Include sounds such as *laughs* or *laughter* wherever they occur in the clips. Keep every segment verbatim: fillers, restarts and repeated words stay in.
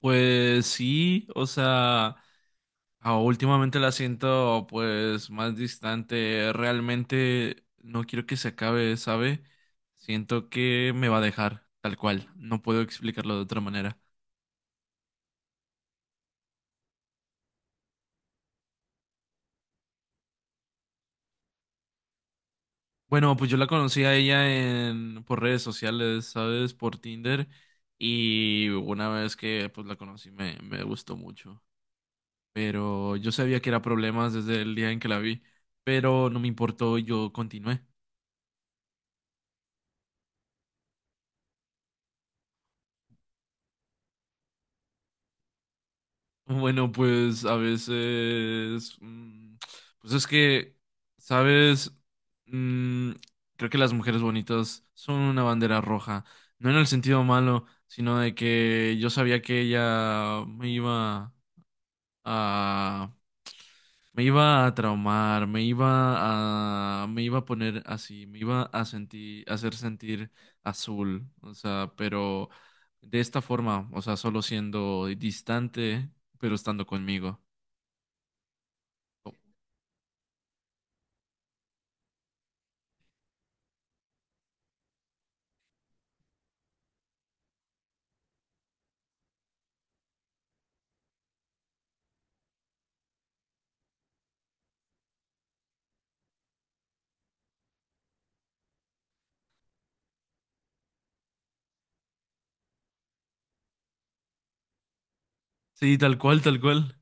Pues sí, o sea, ah, últimamente la siento pues más distante. Realmente no quiero que se acabe, ¿sabe? Siento que me va a dejar tal cual. No puedo explicarlo de otra manera. Bueno, pues yo la conocí a ella en por redes sociales, ¿sabes? Por Tinder, y una vez que pues la conocí me me gustó mucho, pero yo sabía que era problemas desde el día en que la vi, pero no me importó y yo continué. Bueno, pues a veces, mm, pues es que, ¿sabes? Mm, creo que las mujeres bonitas son una bandera roja, no en el sentido malo, sino de que yo sabía que ella me iba a, me iba a traumar, me iba a, me iba a poner así, me iba a sentir, a hacer sentir azul, o sea, pero de esta forma, o sea, solo siendo distante, pero estando conmigo. Sí, tal cual, tal cual.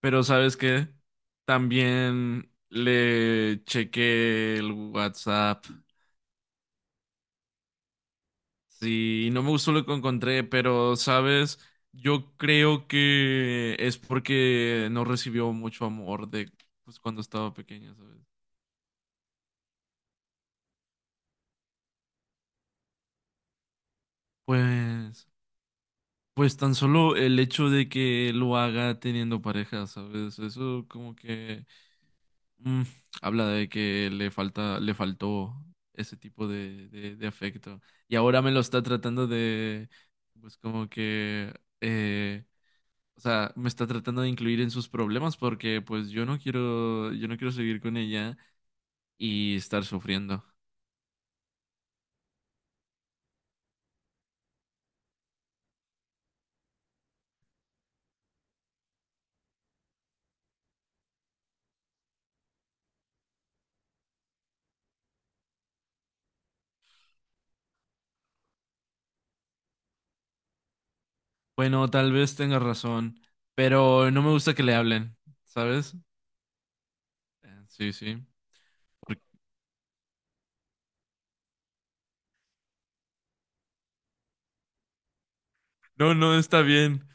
Pero ¿sabes qué? También le chequé el WhatsApp. Sí, no me gustó lo que encontré, pero ¿sabes? Yo creo que es porque no recibió mucho amor de pues cuando estaba pequeña, ¿sabes? Pues pues tan solo el hecho de que lo haga teniendo pareja, ¿sabes? Eso como que Mm, habla de que le falta, le faltó ese tipo de, de, de afecto. Y ahora me lo está tratando de, pues como que, eh, o sea, me está tratando de incluir en sus problemas porque pues yo no quiero, yo no quiero seguir con ella y estar sufriendo. Bueno, tal vez tenga razón, pero no me gusta que le hablen, ¿sabes? Eh, Sí, sí. Porque- No, no está bien.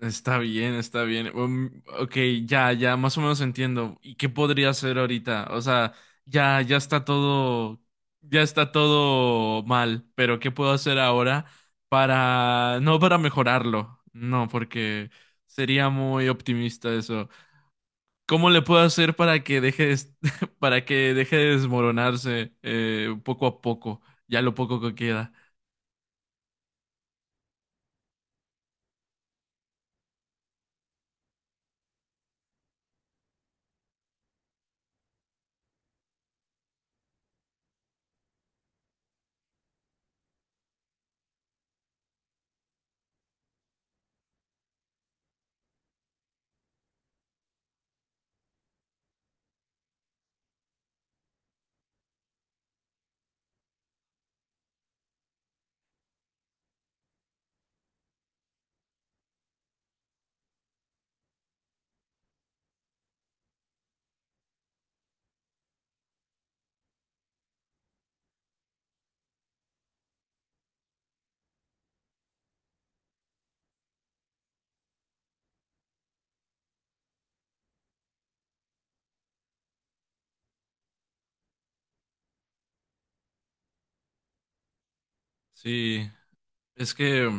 Está bien, está bien. Um, ok, ya, ya, más o menos entiendo. ¿Y qué podría hacer ahorita? O sea, ya, ya está todo, ya está todo mal, pero ¿qué puedo hacer ahora para, no para mejorarlo? No, porque sería muy optimista eso. ¿Cómo le puedo hacer para que deje de, *laughs* para que deje de desmoronarse eh, poco a poco? Ya lo poco que queda. Sí, es que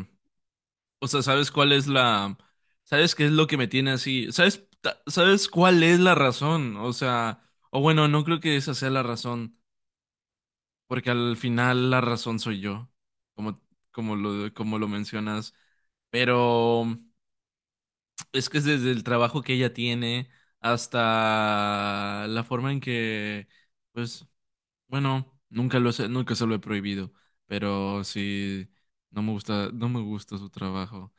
o sea, ¿sabes cuál es la... ¿Sabes qué es lo que me tiene así? ¿Sabes, ta- ¿sabes cuál es la razón? O sea, o bueno, no creo que esa sea la razón, porque al final la razón soy yo, como, como lo, como lo mencionas. Pero es que es desde el trabajo que ella tiene hasta la forma en que, pues, bueno, nunca lo sé, nunca se lo he prohibido, pero sí, no me gusta, no me gusta su trabajo.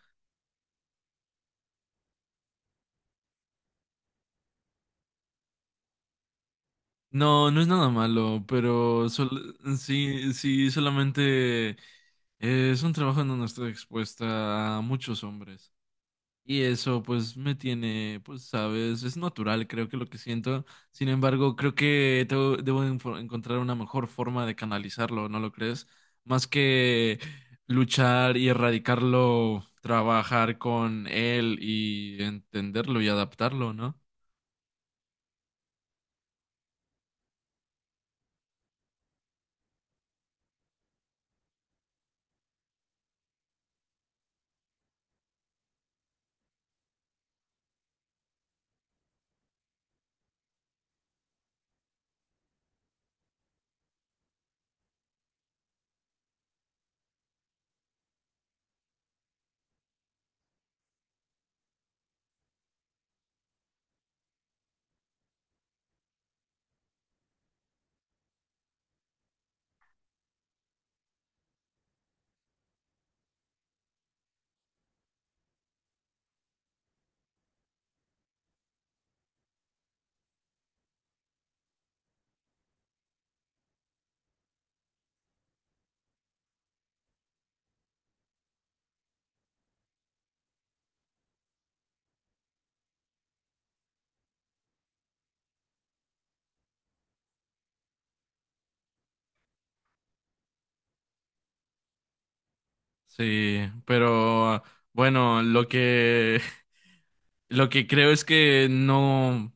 No, no es nada malo, pero sol- sí, sí, solamente eh, es un trabajo en donde estoy expuesta a muchos hombres. Y eso pues me tiene, pues sabes, es natural creo que lo que siento. Sin embargo, creo que tengo- debo enfo- encontrar una mejor forma de canalizarlo, ¿no lo crees? Más que luchar y erradicarlo, trabajar con él y entenderlo y adaptarlo, ¿no? Sí, pero bueno, lo que *laughs* lo que creo es que no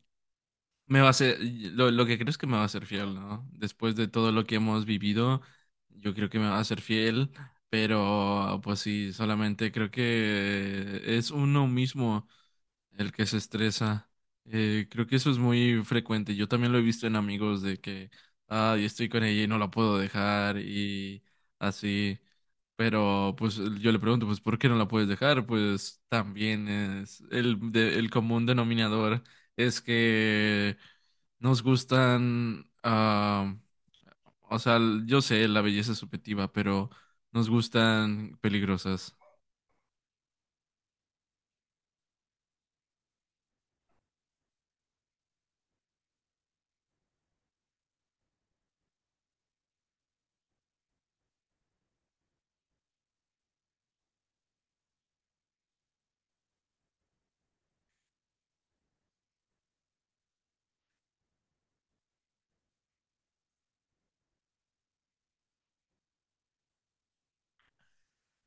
me va a ser lo, lo que creo es que me va a ser fiel, ¿no? Después de todo lo que hemos vivido, yo creo que me va a ser fiel, pero pues sí, solamente creo que es uno mismo el que se estresa. Eh, creo que eso es muy frecuente. Yo también lo he visto en amigos de que, ah, yo estoy con ella y no la puedo dejar y así. Pero pues yo le pregunto, pues, ¿por qué no la puedes dejar? Pues también es el, de- el común denominador es que nos gustan, ah, o sea, yo sé, la belleza es subjetiva, pero nos gustan peligrosas.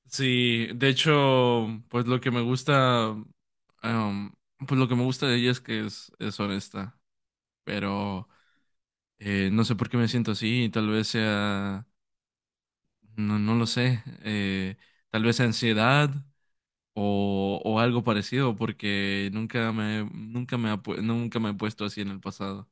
Sí, de hecho, pues lo que me gusta, em, pues lo que me gusta de ella es que es, es honesta, pero eh, no sé por qué me siento así, tal vez sea, no, no lo sé, eh, tal vez ansiedad o, o algo parecido, porque nunca me, nunca me, ha pu- nunca me he puesto así en el pasado.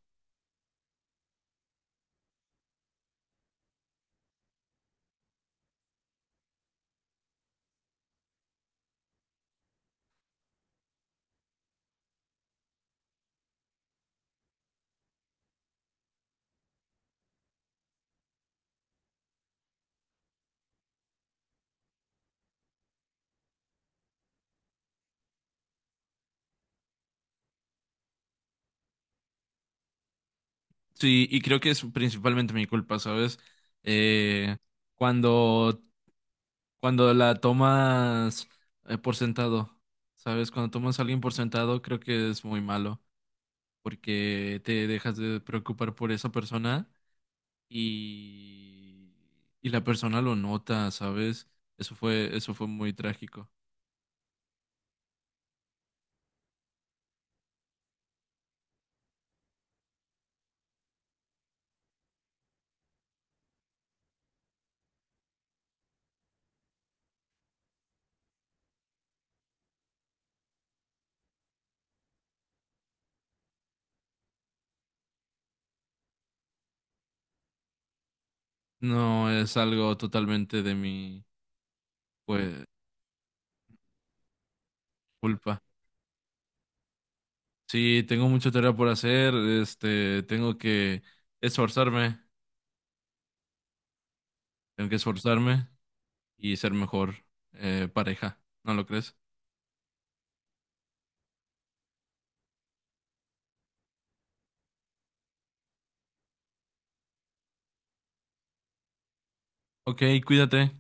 Sí, y creo que es principalmente mi culpa, ¿sabes? Eh, cuando cuando la tomas eh, por sentado, ¿sabes? Cuando tomas a alguien por sentado, creo que es muy malo, porque te dejas de preocupar por esa persona y, y la persona lo nota, ¿sabes? Eso fue, eso fue muy trágico. No es algo totalmente de mi, pues, culpa. Sí, tengo mucha tarea por hacer, este, tengo que esforzarme, tengo que esforzarme y ser mejor eh, pareja, ¿no lo crees? Ok, cuídate.